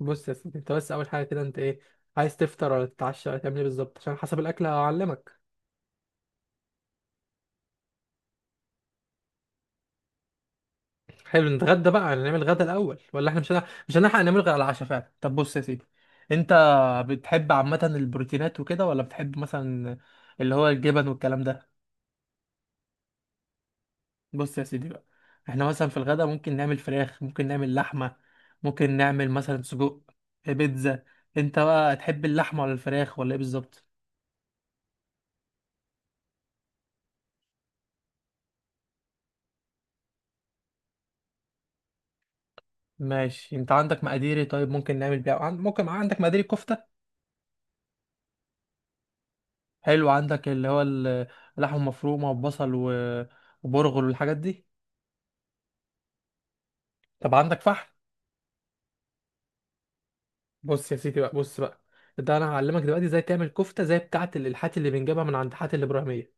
بص يا سيدي، انت بس اول حاجه كده انت ايه؟ عايز تفطر ولا تتعشى ولا تعمل ايه بالظبط؟ عشان حسب الاكل هعلمك. حلو، نتغدى بقى، نعمل غدا الاول ولا احنا مش هنلحق نعمل غدا على العشاء فعلا؟ طب بص يا سيدي، انت بتحب عامه البروتينات وكده، ولا بتحب مثلا اللي هو الجبن والكلام ده؟ بص يا سيدي بقى، احنا مثلا في الغدا ممكن نعمل فراخ، ممكن نعمل لحمه، ممكن نعمل مثلا سجق، بيتزا. انت بقى تحب اللحمه ولا الفراخ ولا ايه بالظبط؟ ماشي، انت عندك مقاديري، طيب ممكن نعمل بيها ممكن عندك مقادير كفته؟ حلو، عندك اللي هو اللحمه المفرومه وبصل وبرغل والحاجات دي؟ طب عندك فحم؟ بص يا سيدي بقى، بص بقى، ده انا هعلمك دلوقتي ازاي تعمل كفته زي بتاعه الالحات اللي بنجيبها من عند حاتي الابراهيميه.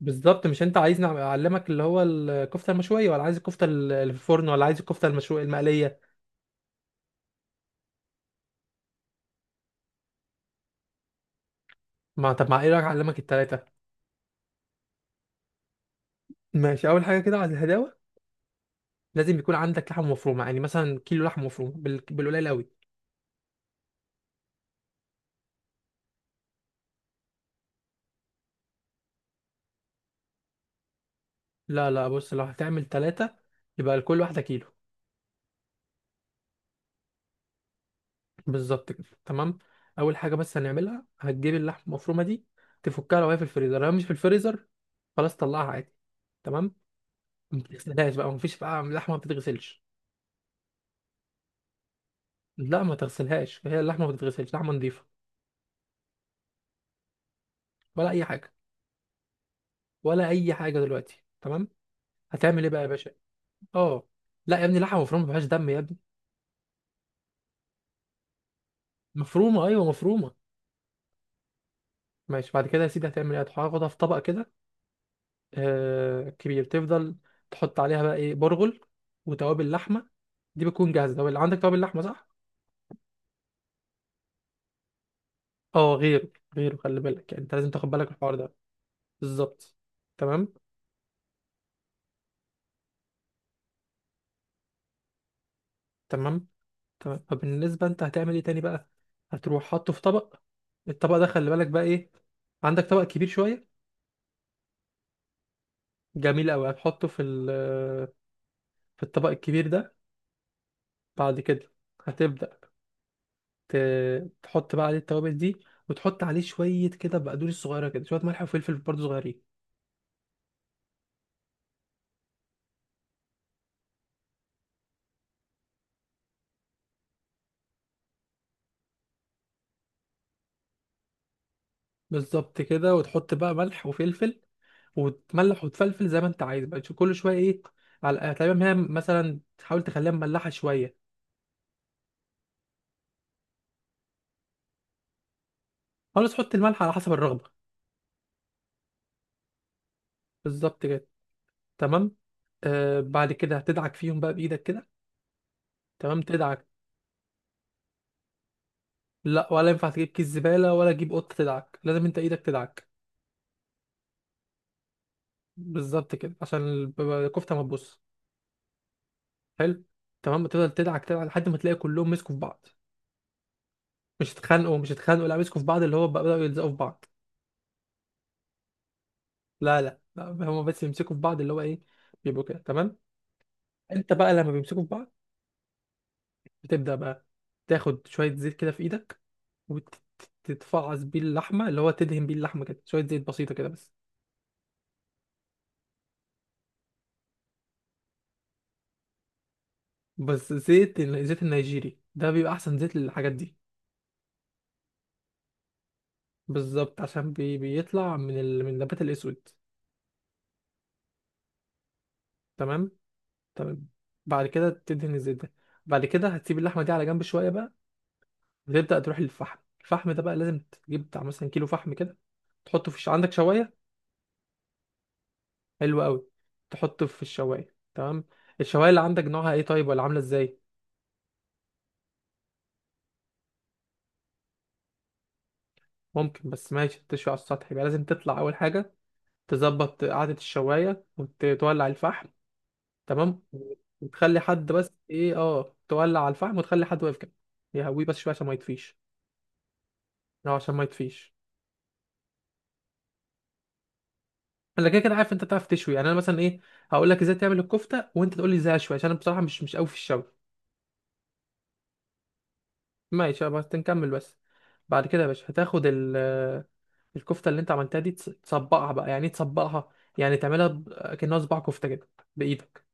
بالظبط، مش انت عايزني اعلمك اللي هو الكفته المشويه، ولا عايز الكفته اللي في الفرن، ولا عايز الكفته المشويه المقليه؟ ما طب، مع ايه رايك اعلمك التلاته؟ ماشي، اول حاجه كده على الهداوه، لازم يكون عندك لحمه مفرومه، يعني مثلا كيلو لحمه مفرومه بالقليل قوي. لا، لا، بص لو هتعمل تلاته يبقى لكل واحده كيلو. بالظبط كده، تمام. اول حاجه بس هنعملها، هتجيب اللحمه المفرومه دي، تفكها لو هي في الفريزر، لو هي مش في الفريزر خلاص طلعها عادي. تمام. ما بتغسلهاش بقى، مفيش بقى لحمه ما بتتغسلش. لا ما تغسلهاش، هي اللحمه ما بتتغسلش، لحمه نظيفه. ولا اي حاجه. ولا اي حاجه دلوقتي، تمام. هتعمل ايه بقى يا باشا؟ اه، لا يا ابني، لحمه مفرومه ما فيهاش دم يا ابني. مفرومه، ايوه، مفرومه. ماشي، بعد كده يا سيدي هتعمل ايه؟ هتاخدها في طبق كده كبير، تفضل. تحط عليها بقى ايه؟ برغل وتوابل لحمه، دي بتكون جاهزه توابل، عندك توابل لحمه صح؟ اه غيره، غيره، خلي بالك يعني انت لازم تاخد بالك من الحوار ده. بالظبط. تمام، تمام، تمام. فبالنسبه انت هتعمل ايه تاني بقى؟ هتروح حاطه في طبق، الطبق ده خلي بالك بقى ايه، عندك طبق كبير شويه؟ جميل قوي. هتحطه في الطبق الكبير ده، بعد كده هتبدا تحط بقى عليه التوابل دي، وتحط عليه شويه كده بقدونس صغيره كده، شويه ملح وفلفل برضه صغيرين. بالظبط كده، وتحط بقى ملح وفلفل، وتملح وتفلفل زي ما انت عايز بقى كل شويه ايه، على يعني تقريبا هي مثلا تحاول تخليها مملحه شويه. خلاص، تحط الملح على حسب الرغبه. بالظبط كده، تمام. بعد كده هتدعك فيهم بقى بايدك كده، تمام، تدعك. لا، ولا ينفع تجيب كيس زباله ولا تجيب قطه تدعك، لازم انت ايدك تدعك. بالظبط كده، عشان الكفته ما تبص. حلو، تمام، تفضل تدعك تدعك لحد ما تلاقي كلهم مسكوا في بعض. مش اتخانقوا، مش اتخانقوا، لا مسكوا في بعض، اللي هو بقى بدأوا يلزقوا في بعض. لا، لا، لا، هما بس بيمسكوا في بعض اللي هو ايه، بيبقوا كده تمام. انت بقى لما بيمسكوا في بعض بتبدأ بقى تاخد شوية زيت كده في ايدك، وتتفعص بيه اللحمة اللي هو تدهن بيه اللحمة كده، شوية زيت بسيطة كده بس. بس الزيت النيجيري ده بيبقى احسن زيت للحاجات دي. بالظبط، عشان بيطلع من النبات الاسود. تمام، تمام. بعد كده تدهن الزيت ده، بعد كده هتسيب اللحمة دي على جنب شوية بقى، وتبدأ تروح للفحم. الفحم ده بقى لازم تجيب بتاع مثلا كيلو فحم كده، تحطه عندك شواية؟ حلو قوي، تحطه في الشوايه، تمام. الشوايه اللي عندك نوعها ايه طيب، ولا عامله ازاي؟ ممكن بس ماشي، تشوي على السطح يبقى لازم تطلع اول حاجه تظبط قعده الشوايه وتولع الفحم، تمام. وتخلي حد بس ايه، تولع على الفحم، وتخلي حد واقف كده يهويه بس شويه عشان ما يطفيش. اه، عشان ما يطفيش. انا كده كده عارف انت تعرف تشوي، يعني انا مثلا ايه، هقول لك ازاي تعمل الكفته وانت تقول لي ازاي اشوي، عشان انا بصراحه مش قوي في الشوي. ماشي بس نكمل بس. بعد كده يا باشا هتاخد الكفته اللي انت عملتها دي تصبعها بقى، يعني ايه تصبعها؟ يعني تعملها كأنها صباع كفته كده بايدك.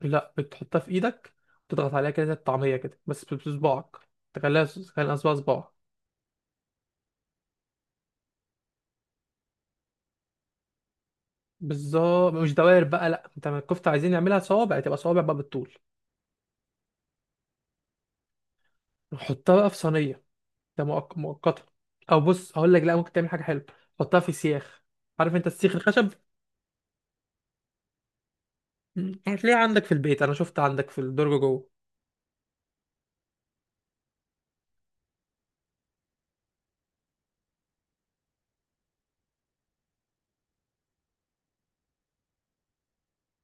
لا، بتحطها في ايدك وتضغط عليها كده زي الطعميه كده بس بصباعك، تخليها صباعك. بالظبط، مش دوائر بقى، لا انت ما الكفته عايزين نعملها صوابع، تبقى صوابع بقى بالطول. نحطها بقى في صينيه، ده مؤقتا، او بص هقول لك، لا ممكن تعمل حاجه حلوه، حطها في سياخ. عارف انت السيخ الخشب؟ هتلاقيه عندك في البيت، انا شفت عندك في الدرج جوه.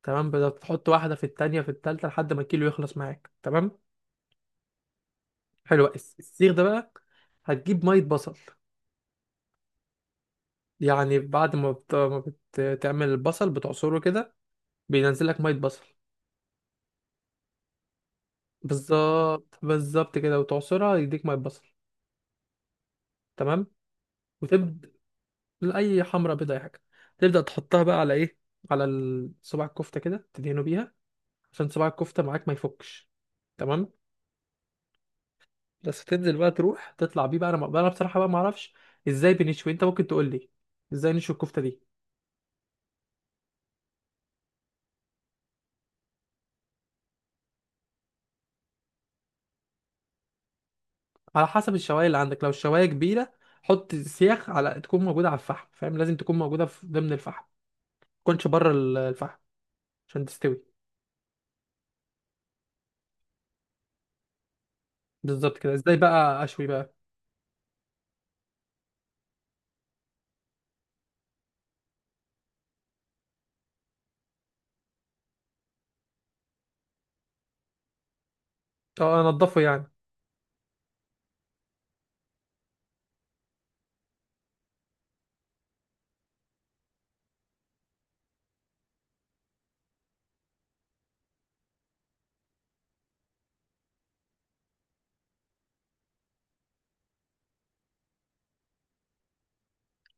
تمام، بدأ تحط واحدة في التانية في التالتة لحد ما الكيلو يخلص معاك، تمام. حلو السيخ ده بقى هتجيب مية بصل. يعني بعد ما ما بتعمل البصل بتعصره كده، بينزل لك مية بصل. بالظبط، بالظبط كده وتعصرها يديك مية بصل، تمام. وتبدأ، أي حمرة، بيضة، أي حاجة، تبدأ تحطها بقى على إيه، صباع الكفتة كده، تدهنه بيها عشان صباع الكفتة معاك ما يفكش، تمام. بس تنزل بقى تروح تطلع بيه بقى، انا بقى انا بصراحه بقى ما اعرفش ازاي بنشوي، انت ممكن تقول لي ازاي نشوي الكفته دي؟ على حسب الشوايه اللي عندك، لو الشوايه كبيره حط سياخ على تكون موجوده على الفحم، فاهم؟ لازم تكون موجوده في ضمن الفحم ما تكونش بره الفحم عشان تستوي. بالظبط كده، ازاي بقى اشوي بقى؟ اه، انضفه يعني.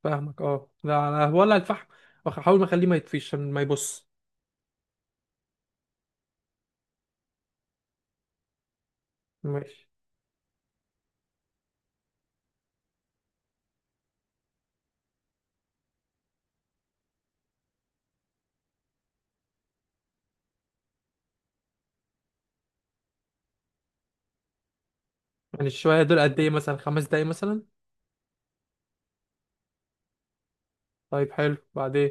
فاهمك، اه لا، انا ولا الفحم، احاول ما اخليه ما يطفيش عشان ما يبص. ماشي. يعني الشوايه دول قد ايه، مثلا 5 دقايق مثلا؟ طيب، حلو، بعدين؟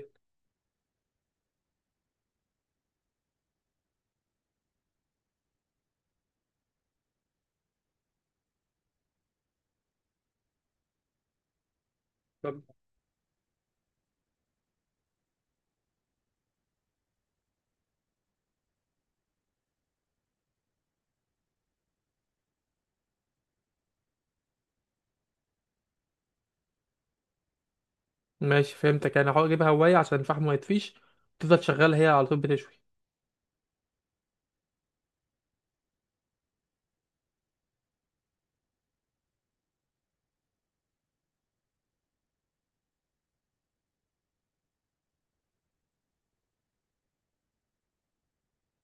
ماشي فهمتك، يعني هحاول اجيبها هواية عشان الفحم ما يطفيش، تفضل شغالة هي على طول بتشوي.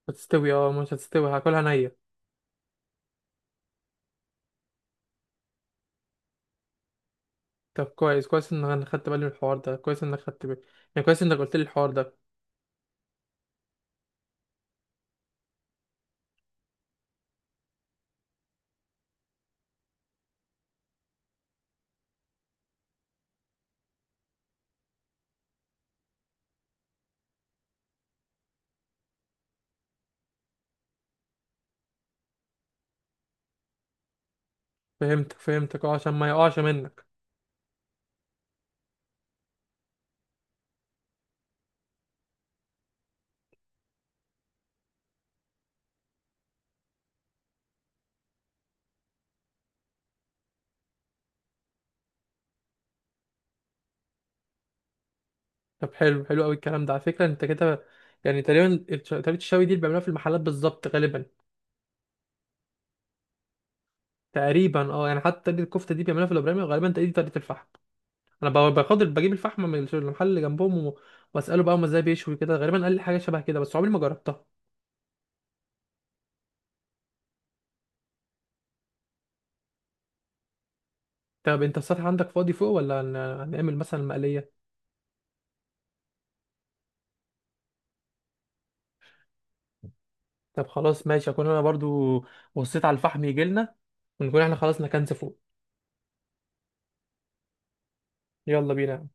هتستوي؟ اه مش هتستوي، هاكلها نية؟ طب كويس، كويس ان انا خدت بالي من الحوار ده، كويس انك خدت بالي، يعني كويس انك قلت لي الحوار ده. فهمتك، فهمتك، اه، عشان ما يقعش منك. طب حلو، حلو قوي الكلام ده، على فكرة انت كده يعني تقريبا طريقة الشوي دي اللي بيعملوها في المحلات بالظبط غالبا. تقريبا اه، يعني حتى طريقة الكفتة دي بيعملوها في الابراهيمي، وغالبا دي طريقة الفحم. انا بخاطر بجيب الفحم من المحل اللي جنبهم، واساله بقى هم ازاي بيشوي كده، غالبا قال لي حاجة شبه كده بس عمري ما جربتها. طب انت السطح عندك فاضي فوق، ولا هنعمل مثلا مقلية؟ طب خلاص ماشي، اكون انا برضو بصيت على الفحم يجيلنا، ونكون احنا خلاص نكنس فوق. يلا بينا.